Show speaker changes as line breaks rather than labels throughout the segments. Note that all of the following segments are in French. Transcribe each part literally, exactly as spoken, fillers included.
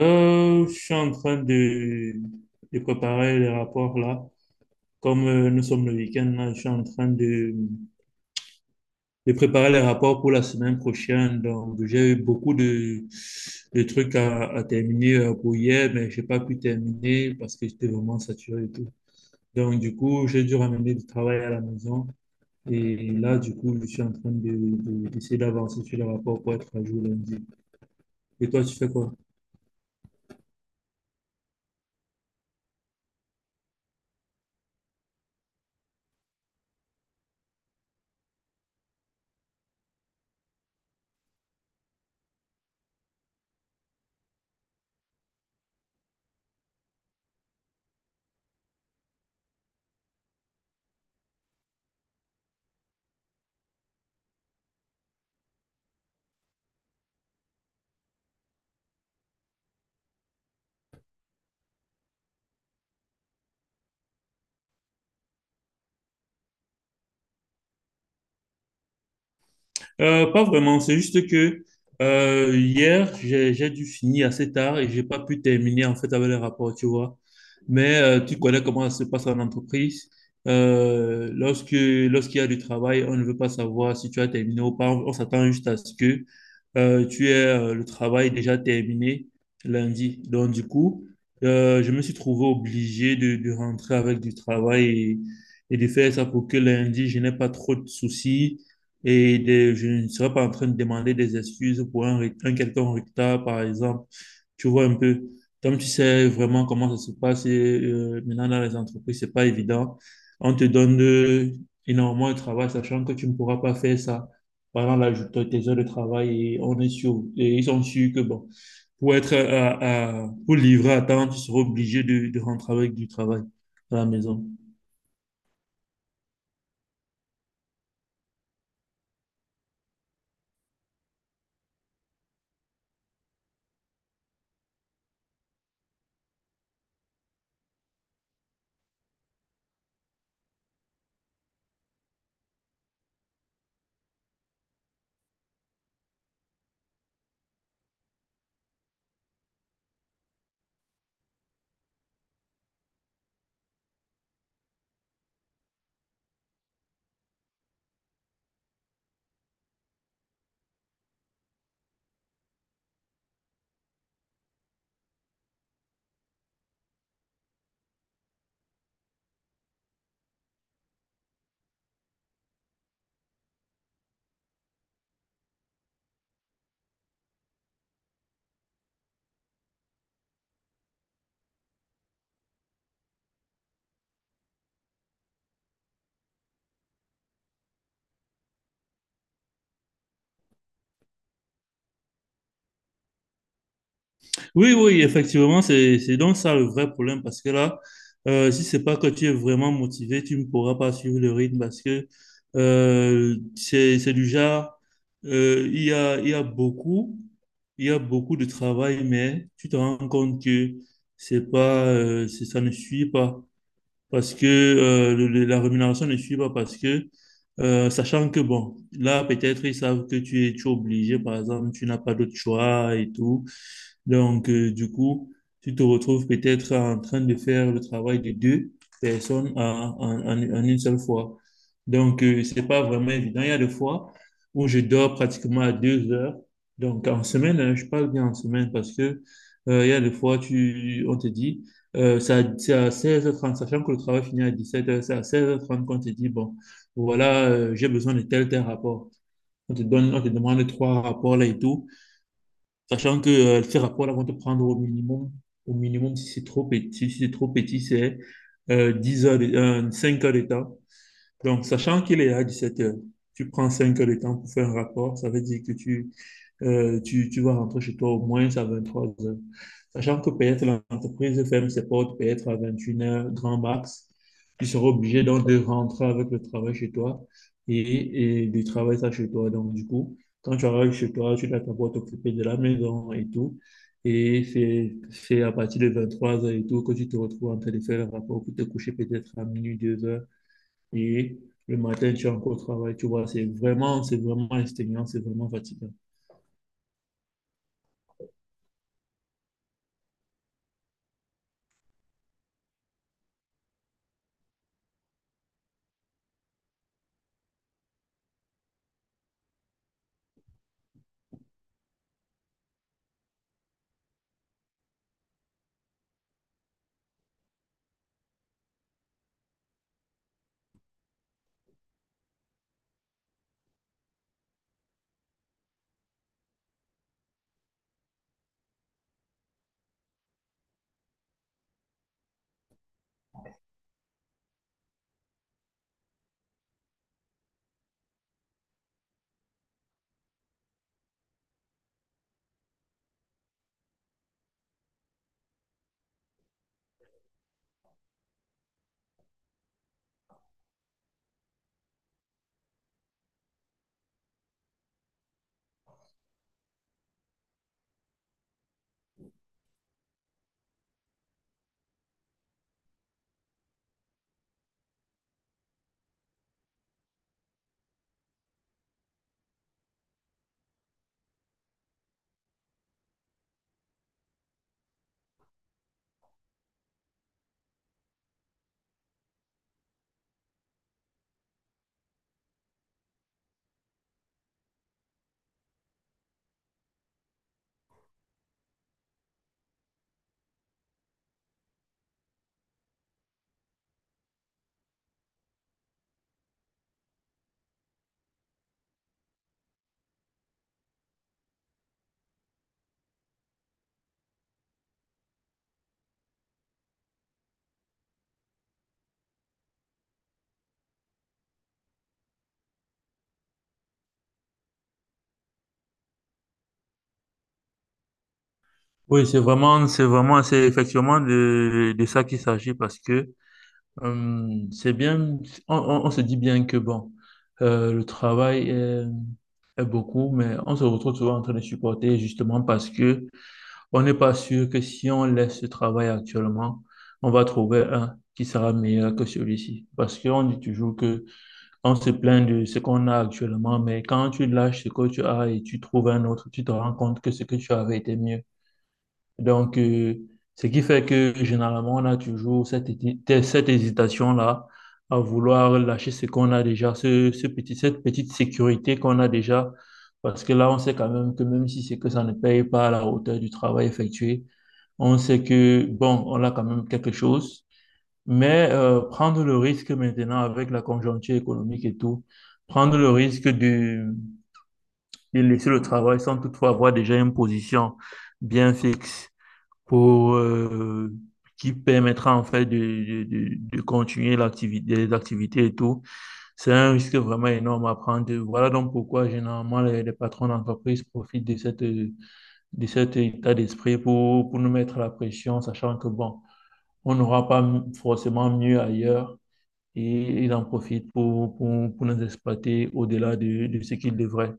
Euh, je suis en train de, de préparer les rapports là. Comme euh, nous sommes le week-end là, je suis en train de, de préparer les rapports pour la semaine prochaine. Donc, j'ai eu beaucoup de, de trucs à, à terminer euh, pour hier, mais j'ai pas pu terminer parce que j'étais vraiment saturé et tout. Donc, du coup, j'ai dû ramener du travail à la maison. Et là, du coup, je suis en train de, de- d'essayer d'avancer sur les rapports pour être à jour lundi. Et toi, tu fais quoi? Euh, pas vraiment, c'est juste que euh, hier, j'ai, j'ai dû finir assez tard et j'ai pas pu terminer en fait avec les rapports, tu vois. Mais euh, tu connais comment ça se passe en entreprise. Euh, lorsque, lorsqu'il y a du travail, on ne veut pas savoir si tu as terminé ou pas. On, on s'attend juste à ce que euh, tu aies euh, le travail déjà terminé lundi. Donc, du coup, euh, je me suis trouvé obligé de, de rentrer avec du travail et, et de faire ça pour que lundi, je n'ai pas trop de soucis et des- je ne serais pas en train de demander des excuses pour un, re- un quelconque retard, par exemple. Tu vois un peu, comme tu sais vraiment comment ça se passe et, euh, maintenant dans les entreprises, c'est pas évident. On te donne euh, énormément de travail, sachant que tu ne pourras pas faire ça pendant la, tes heures de travail. Et on est sûr, et ils sont sûrs que bon, pour être à, à- pour livrer à temps, tu seras obligé de, de rentrer avec du travail à la maison. Oui, oui, effectivement, c'est, c'est donc ça le vrai problème parce que là, euh, si c'est pas que tu es vraiment motivé, tu ne pourras pas suivre le rythme parce que euh, c'est, c'est du genre, euh, il y a, il y a beaucoup, il y a beaucoup de travail, mais tu te rends compte que c'est pas, euh, c'est- ça ne suit pas parce que euh, le- le- la rémunération ne suit pas parce que euh, sachant que bon, là peut-être ils savent que tu es, tu es obligé, par exemple, tu n'as pas d'autre choix et tout. Donc, euh, du coup, tu te retrouves peut-être en train de faire le travail de deux personnes en, en- en- en une seule fois. Donc, euh, c'est pas vraiment évident. Il y a des fois où je dors pratiquement à deux heures. Donc, en semaine, hein, je parle bien en semaine parce que euh, il y a des fois, tu, on te dit, euh, c'est à, c'est à seize heures trente, sachant que le travail finit à dix-sept heures, c'est à seize heures trente qu'on te dit, bon, voilà, euh, j'ai besoin de tel, tel rapport. On te donne, on te demande trois rapports là et tout. Sachant que euh, ces rapports-là vont te prendre au minimum, au minimum, si c'est trop petit, si c'est trop petit, c'est euh, dix heures de- euh, cinq heures de temps. Donc, sachant qu'il est à dix-sept heures, tu prends cinq heures de temps pour faire un rapport, ça veut dire que tu, euh, tu, tu vas rentrer chez toi au moins à vingt-trois heures. Sachant que peut-être l'entreprise ferme ses portes peut-être à vingt et une heures, grand max. Tu seras obligé donc de rentrer avec le travail chez toi et, et de travailler ça chez toi. Donc, du coup, quand tu arrives chez toi, tu dois d'abord t'occuper de la maison et tout. Et c'est c'est à partir de vingt-trois heures et tout que tu te retrouves en train de faire le rapport pour te coucher peut-être à minuit, deux heures. Et le matin, tu es encore au travail. Tu vois, c'est vraiment, c'est vraiment exténuant, c'est vraiment fatigant. Oui, c'est vraiment, c'est vraiment, c'est effectivement de, de ça qu'il s'agit parce que euh, c'est bien, on, on- on se dit bien que bon, euh, le travail est, est beaucoup, mais on se retrouve souvent en train de supporter justement parce que on n'est pas sûr que si on laisse ce travail actuellement, on va trouver un qui sera meilleur que celui-ci. Parce qu'on dit toujours que on se plaint de ce qu'on a actuellement, mais quand tu lâches ce que tu as et tu trouves un autre, tu te rends compte que ce que tu avais était mieux. Donc, euh, ce qui fait que généralement, on a toujours cette, héti- cette hésitation-là à vouloir lâcher ce qu'on a déjà, ce, ce petit, cette petite sécurité qu'on a déjà, parce que là, on sait quand même que même si c'est que ça ne paye pas à la hauteur du travail effectué, on sait que, bon, on a quand même quelque chose, mais euh, prendre le risque maintenant avec la conjoncture économique et tout, prendre le risque de, de laisser le travail sans toutefois avoir déjà une position bien fixe pour, euh, qui permettra en fait de, de, de continuer l'activité, les activités et tout. C'est un risque vraiment énorme à prendre. Voilà donc pourquoi généralement les, les patrons d'entreprise profitent de, cette, de cet état d'esprit pour, pour nous mettre la pression, sachant que bon, on n'aura pas forcément mieux ailleurs et ils en profitent pour, pour, pour nous exploiter au-delà de, de ce qu'ils devraient.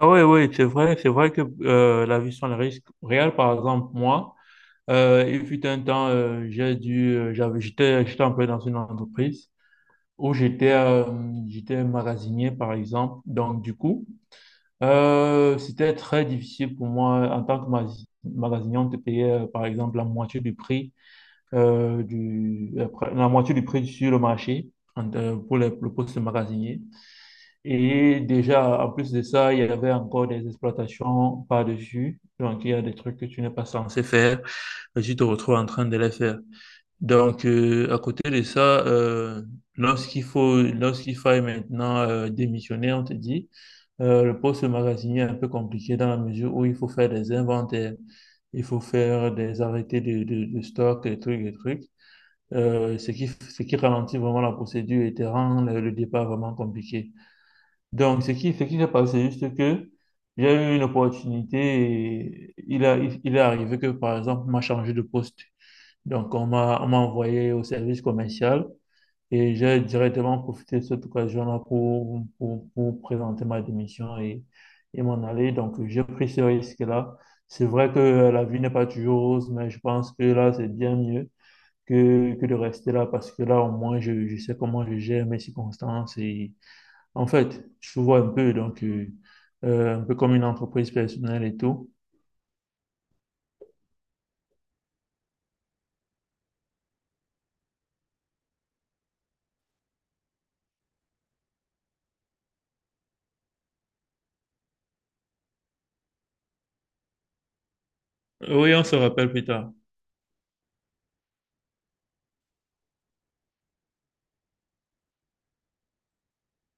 Ah oui, oui, c'est vrai, c'est vrai que euh, la vie sans le risque réel, par exemple, moi, Euh, il fut un temps, euh, j'ai dû, euh, j'avais, j'étais, j'étais employé dans une entreprise où j'étais, euh, j'étais magasinier, par exemple. Donc, du coup, euh, c'était très difficile pour moi en tant que magasi- magasinier, on te payait, euh, par exemple, la moitié du prix, euh, du, euh, pr- la moitié du prix sur le marché en- euh, pour le, le poste de magasinier. Et déjà, en plus de ça, il y avait encore des exploitations par-dessus. Donc, il y a des trucs que tu n'es pas censé faire et tu te retrouves en train de les faire. Donc, euh, à côté de ça, euh, lorsqu'il faut, lorsqu'il faille maintenant euh, démissionner, on te dit, euh, le poste de magasinier est un peu compliqué dans la mesure où il faut faire des inventaires, il faut faire des arrêtés de, de, de stock, des trucs, des trucs. Euh, ce qui, ce qui ralentit vraiment la procédure et te rend le, le départ vraiment compliqué. Donc, ce qui, ce qui s'est passé, c'est juste que j'ai eu une opportunité et il a, il, il est arrivé que, par exemple, on m'a changé de poste. Donc, on m'a on m'a envoyé au service commercial et j'ai directement profité de cette occasion-là pour, pour, pour présenter ma démission et, et m'en aller. Donc, j'ai pris ce risque-là. C'est vrai que la vie n'est pas toujours rose, mais je pense que là, c'est bien mieux que, que de rester là parce que là, au moins, je, je sais comment je gère mes circonstances. Et en fait, je vois un peu, donc, euh, euh, un peu comme une entreprise personnelle et tout. Oui, on se rappelle plus tard.